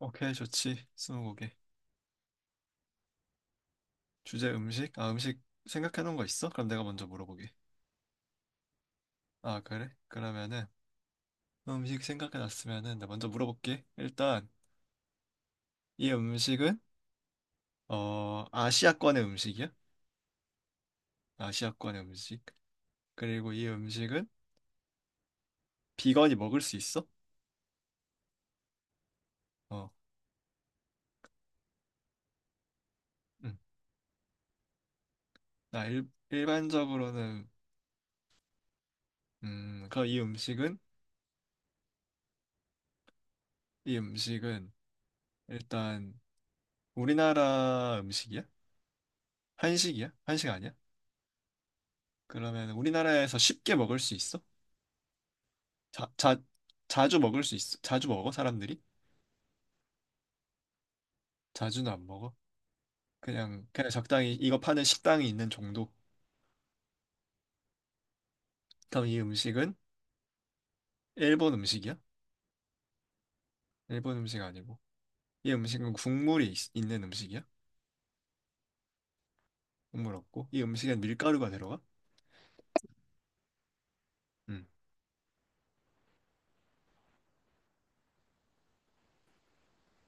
오케이, 좋지. 스무고개. 주제 음식? 아, 음식 생각해 놓은 거 있어? 그럼 내가 먼저 물어보게. 아, 그래? 그러면은 음식 생각해 놨으면은 나 먼저 물어볼게. 일단 이 음식은 아시아권의 음식이야? 아시아권의 음식. 그리고 이 음식은 비건이 먹을 수 있어? 어. 음. 나 일반적으로는 그럼 이 음식은 이 음식은 일단 우리나라 음식이야? 한식이야? 한식 아니야? 그러면 우리나라에서 쉽게 먹을 수 있어? 자, 자, 자주 먹을 수 있어? 자주 먹어? 사람들이? 자주는 안 먹어? 그냥, 그냥 적당히 이거 파는 식당이 있는 정도? 그럼 이 음식은 일본 음식이야? 일본 음식 아니고. 이 음식은 국물이 있는 음식이야? 국물 없고. 이 음식엔 밀가루가 들어가? 음.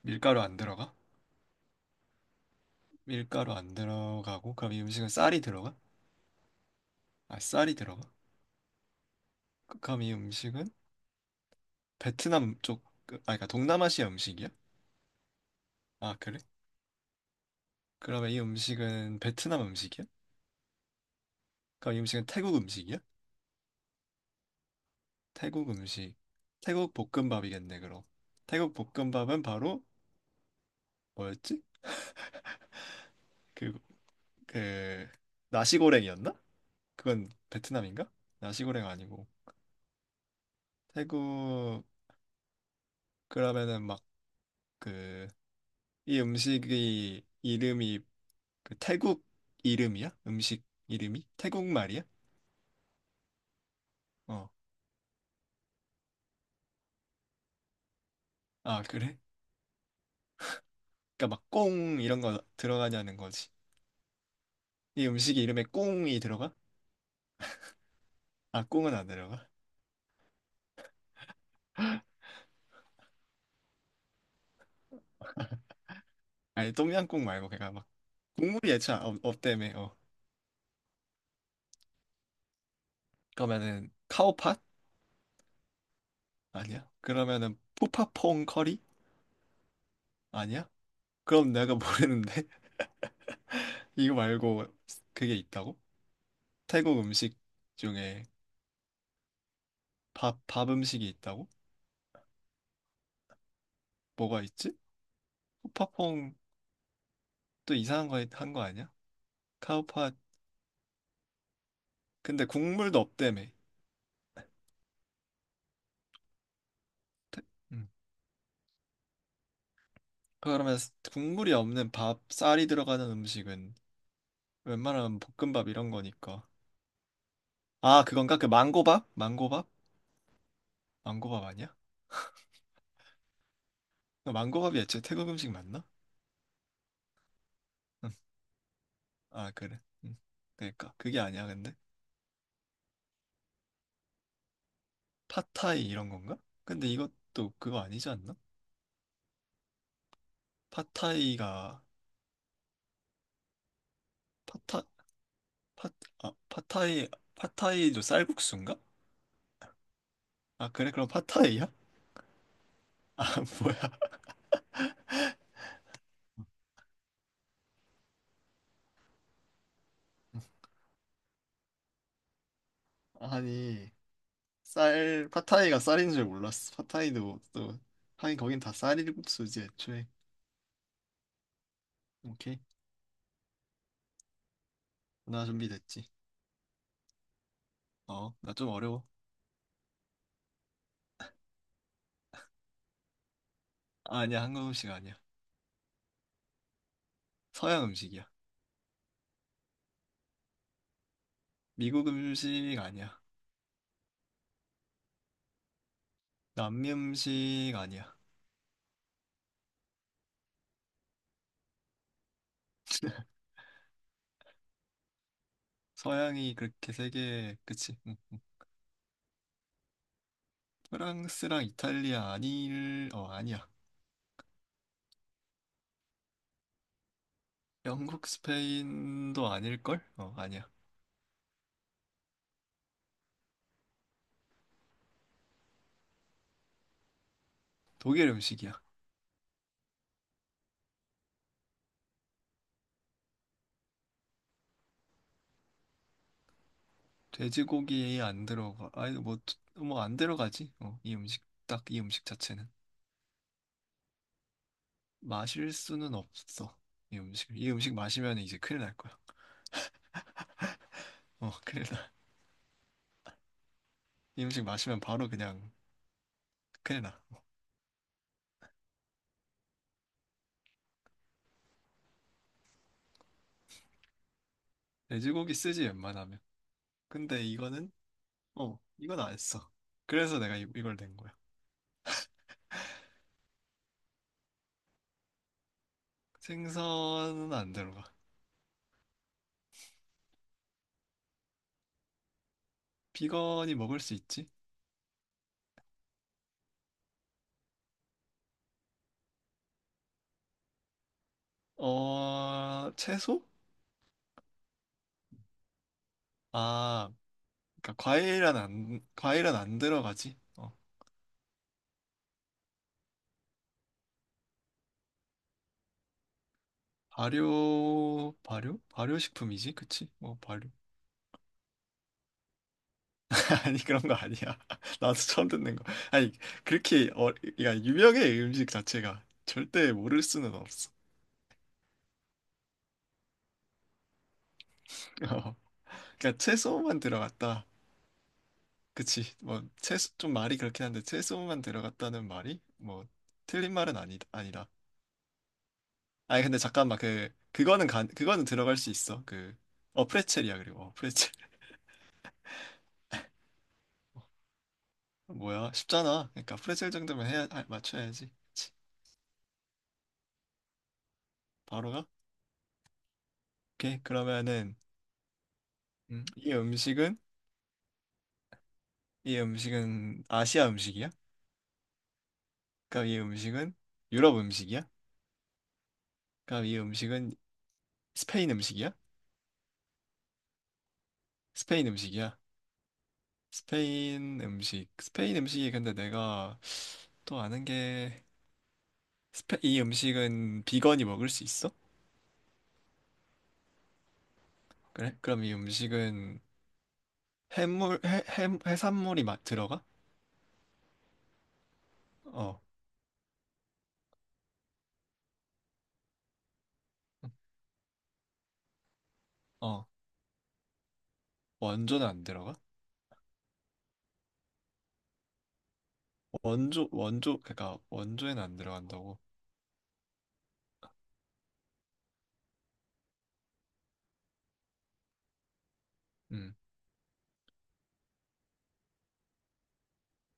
밀가루 안 들어가? 밀가루 안 들어가고. 그럼 이 음식은 쌀이 들어가? 아, 쌀이 들어가? 그럼 이 음식은 베트남 쪽, 아, 그러니까 동남아시아 음식이야? 아, 그래? 그러면 이 음식은 베트남 음식이야? 그럼 이 음식은 태국 음식이야? 태국 음식. 태국 볶음밥이겠네, 그럼. 태국 볶음밥은 바로 뭐였지? 그, 그, 나시고랭이었나? 그건 베트남인가? 나시고랭 아니고. 태국, 그러면은 막 그, 이 음식이 이름이 그 태국 이름이야? 음식 이름이? 태국 말이야? 어. 아, 그래? 그러니까 막 꽁 이런 거 들어가냐는 거지. 이 음식 이름에 꽁이 들어가? 아, 꽁은 안 들어가? 아니 똠양꿍 말고 걔가 막 국물이 애초에 없다며 어 그러면은 카오팟 아니야 그러면은 푸파퐁 커리 아니야 그럼 내가 모르는데 이거 말고 그게 있다고 태국 음식 중에 밥 밥 음식이 있다고 뭐가 있지 푸파퐁 또 이상한 거 한 거 아니야 카오팟 근데 국물도 없다며 태- 음. 그러면 국물이 없는 밥 쌀이 들어가는 음식은 웬만하면 볶음밥 이런 거니까 아 그건가 그 망고밥 망고밥 망고밥 아니야? 너 망고밥이 애초에 태국 음식 맞나? 응. 아 그래. 응. 그러니까 그게 아니야 근데 팟타이 이런 건가? 근데 이것도 그거 아니지 않나? 팟타이가 팟타 팟 아, 팟타이 팟타이도 쌀국수인가? 아 그래 그럼 팟타이야? 아 뭐야? 아니 쌀 팟타이가 쌀인 줄 몰랐어. 팟타이도 또 하긴 거긴 다 쌀국수지 애초에. 오케이. 나 준비됐지. 어, 나 좀 어려워. 아, 아니야 한국 음식 아니야. 서양 음식이야. 미국 음식 아니야. 남미 음식 아니야. 서양이 그렇게 세계 그치? 응, 응. 프랑스랑 이탈리아 아닐 어 아니야. 영국 스페인도 아닐걸? 어 아니야. 독일 음식이야. 돼지고기 안 들어가. 아니 뭐 뭐 안 들어가지? 어 이 음식 딱 이 음식 자체는 마실 수는 없어. 이 음식 이 음식 마시면 이제 큰일 날 거야. 어 큰일 나. 이 음식 마시면 바로 그냥 큰일 나. 돼지고기 쓰지 웬만하면. 근데 이거는 어, 이건 안 했어. 그래서 내가 이, 이걸 낸 거야. 생선은 안 들어가. 비건이 먹을 수 있지? 어, 채소? 아, 그러니까 과일은 안, 과일은 안 들어가지. 어, 발효, 발효? 발효식품이지? 그치? 뭐, 발효. 아니, 그런 거 아니야. 나도 처음 듣는 거. 아니, 그렇게, 어, 그러니까 유명해, 음식 자체가. 절대 모를 수는 없어. 어, 그러니까 채소만 들어갔다. 그치. 뭐, 최소, 좀 말이 그렇긴 한데, 최소만 들어갔다는 말이, 뭐, 틀린 말은 아니다. 아니, 근데 잠깐만, 그, 그거는 간, 그거는 들어갈 수 있어. 그, 어, 프레첼이야, 그리고. 어, 프레첼. 뭐야, 쉽잖아. 그러니까, 프레첼 정도면 해야, 아, 맞춰야지. 바로 가? 오케이. 그러면은, 이 음식은, 이 음식은 아시아 음식이야? 그럼 이 음식은 유럽 음식이야? 그럼 이 음식은 스페인 음식이야? 스페인 음식이야? 스페인 음식. 스페인 음식이 근데 내가 또 아는 게, 스페, 이 음식은 비건이 먹을 수 있어? 그래? 그럼 이 음식은 해물, 해, 해산물이 막 들어가? 어, 어. 원조는 안 들어가? 원조, 원조, 그러니까 원조에는 안 들어간다고. 음.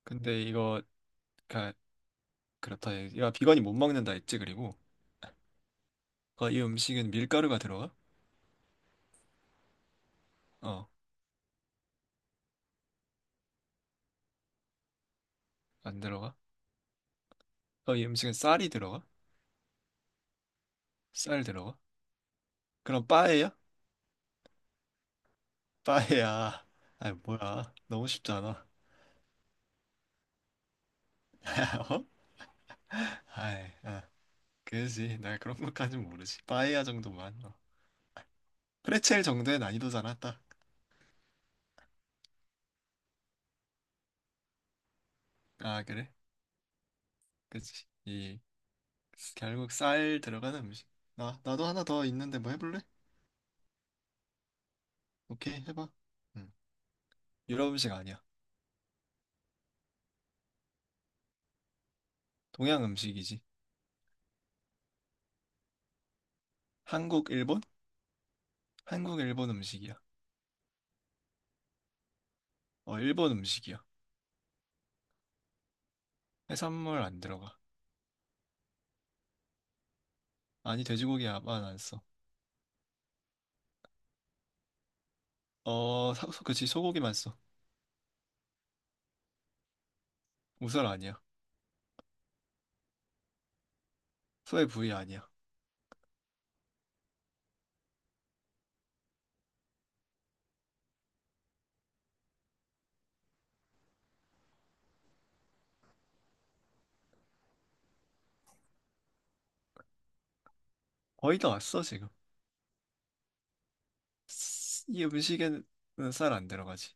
근데 이거, 그러니까 그렇다. 야, 비건이 못 먹는다 했지, 그리고. 어, 이 음식은 밀가루가 들어가? 어, 안 들어가? 어, 이 음식은 쌀이 들어가? 쌀 들어가? 그럼 빠에야? 빠이야. 아이, 뭐야. 너무 쉽지 않아. 어? 아이, 아, 그지. 나 그런 것까진 모르지. 빠이야 정도만. 어. 프레첼 정도의 난이도잖아, 딱. 아, 그래? 그지. 이, 결국 쌀 들어가는 음식. 나도 하나 더 있는데 뭐 해볼래? 오케이, 해봐. 응. 유럽 음식 아니야. 동양 음식이지. 한국, 일본? 한국, 일본 음식이야. 어, 일본 음식이야. 해산물 안 들어가. 아니, 돼지고기야만 안 써. 어, 사, 그치, 소고기만 써. 우설 아니야. 소의 부위 아니야. 거의 다 왔어, 지금. 이 음식에는 쌀 안 들어가지.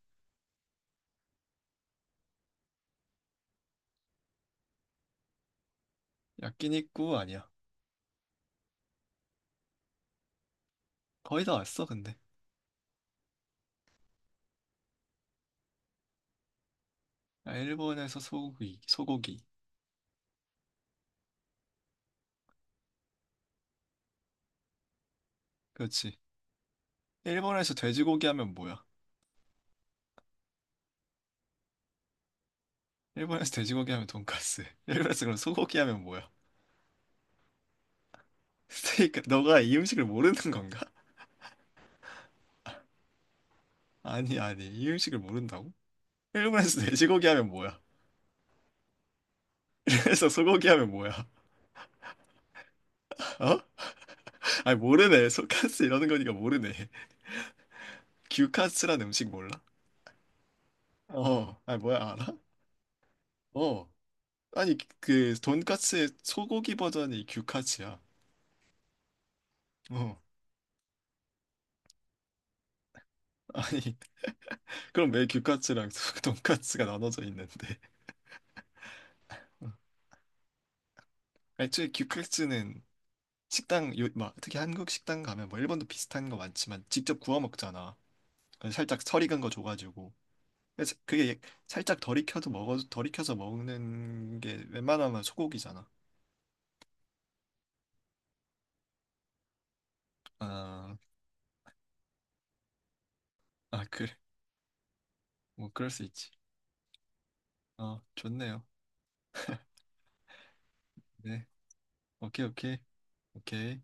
야끼니꾸 아니야. 거의 다 왔어, 근데. 야, 일본에서 소고기, 소고기. 그렇지. 일본에서 돼지고기 하면 뭐야? 일본에서 돼지고기 하면 돈까스. 일본에서 그럼 소고기 하면 뭐야? 스테이크. 너가 이 음식을 모르는 건가? 아니, 아니. 이 음식을 모른다고? 일본에서 돼지고기 하면 뭐야? 그래서 소고기 하면 뭐야? 어? 아니, 모르네. 소카스 이러는 거니까 모르네. 규카스란 음식 몰라? 어, 아니, 뭐야, 알아? 어, 아니 그 돈까스의 소고기 버전이 규카츠야. 어, 아니 그럼 왜 규카츠랑 돈까스가 나눠져 있는데? 어. 애초에 규카츠는 식당 요, 막 특히 한국 식당 가면 뭐 일본도 비슷한 거 많지만 직접 구워 먹잖아. 그래서 살짝 설 익은 거 줘가지고. 그래서 그게 살짝 덜 익혀도 먹어도 덜 익혀서 먹는 게 웬만하면 소고기잖아. 아, 아 그래, 뭐 그럴 수 있지. 어, 좋네요. 네, 오케이 오케이 오케이.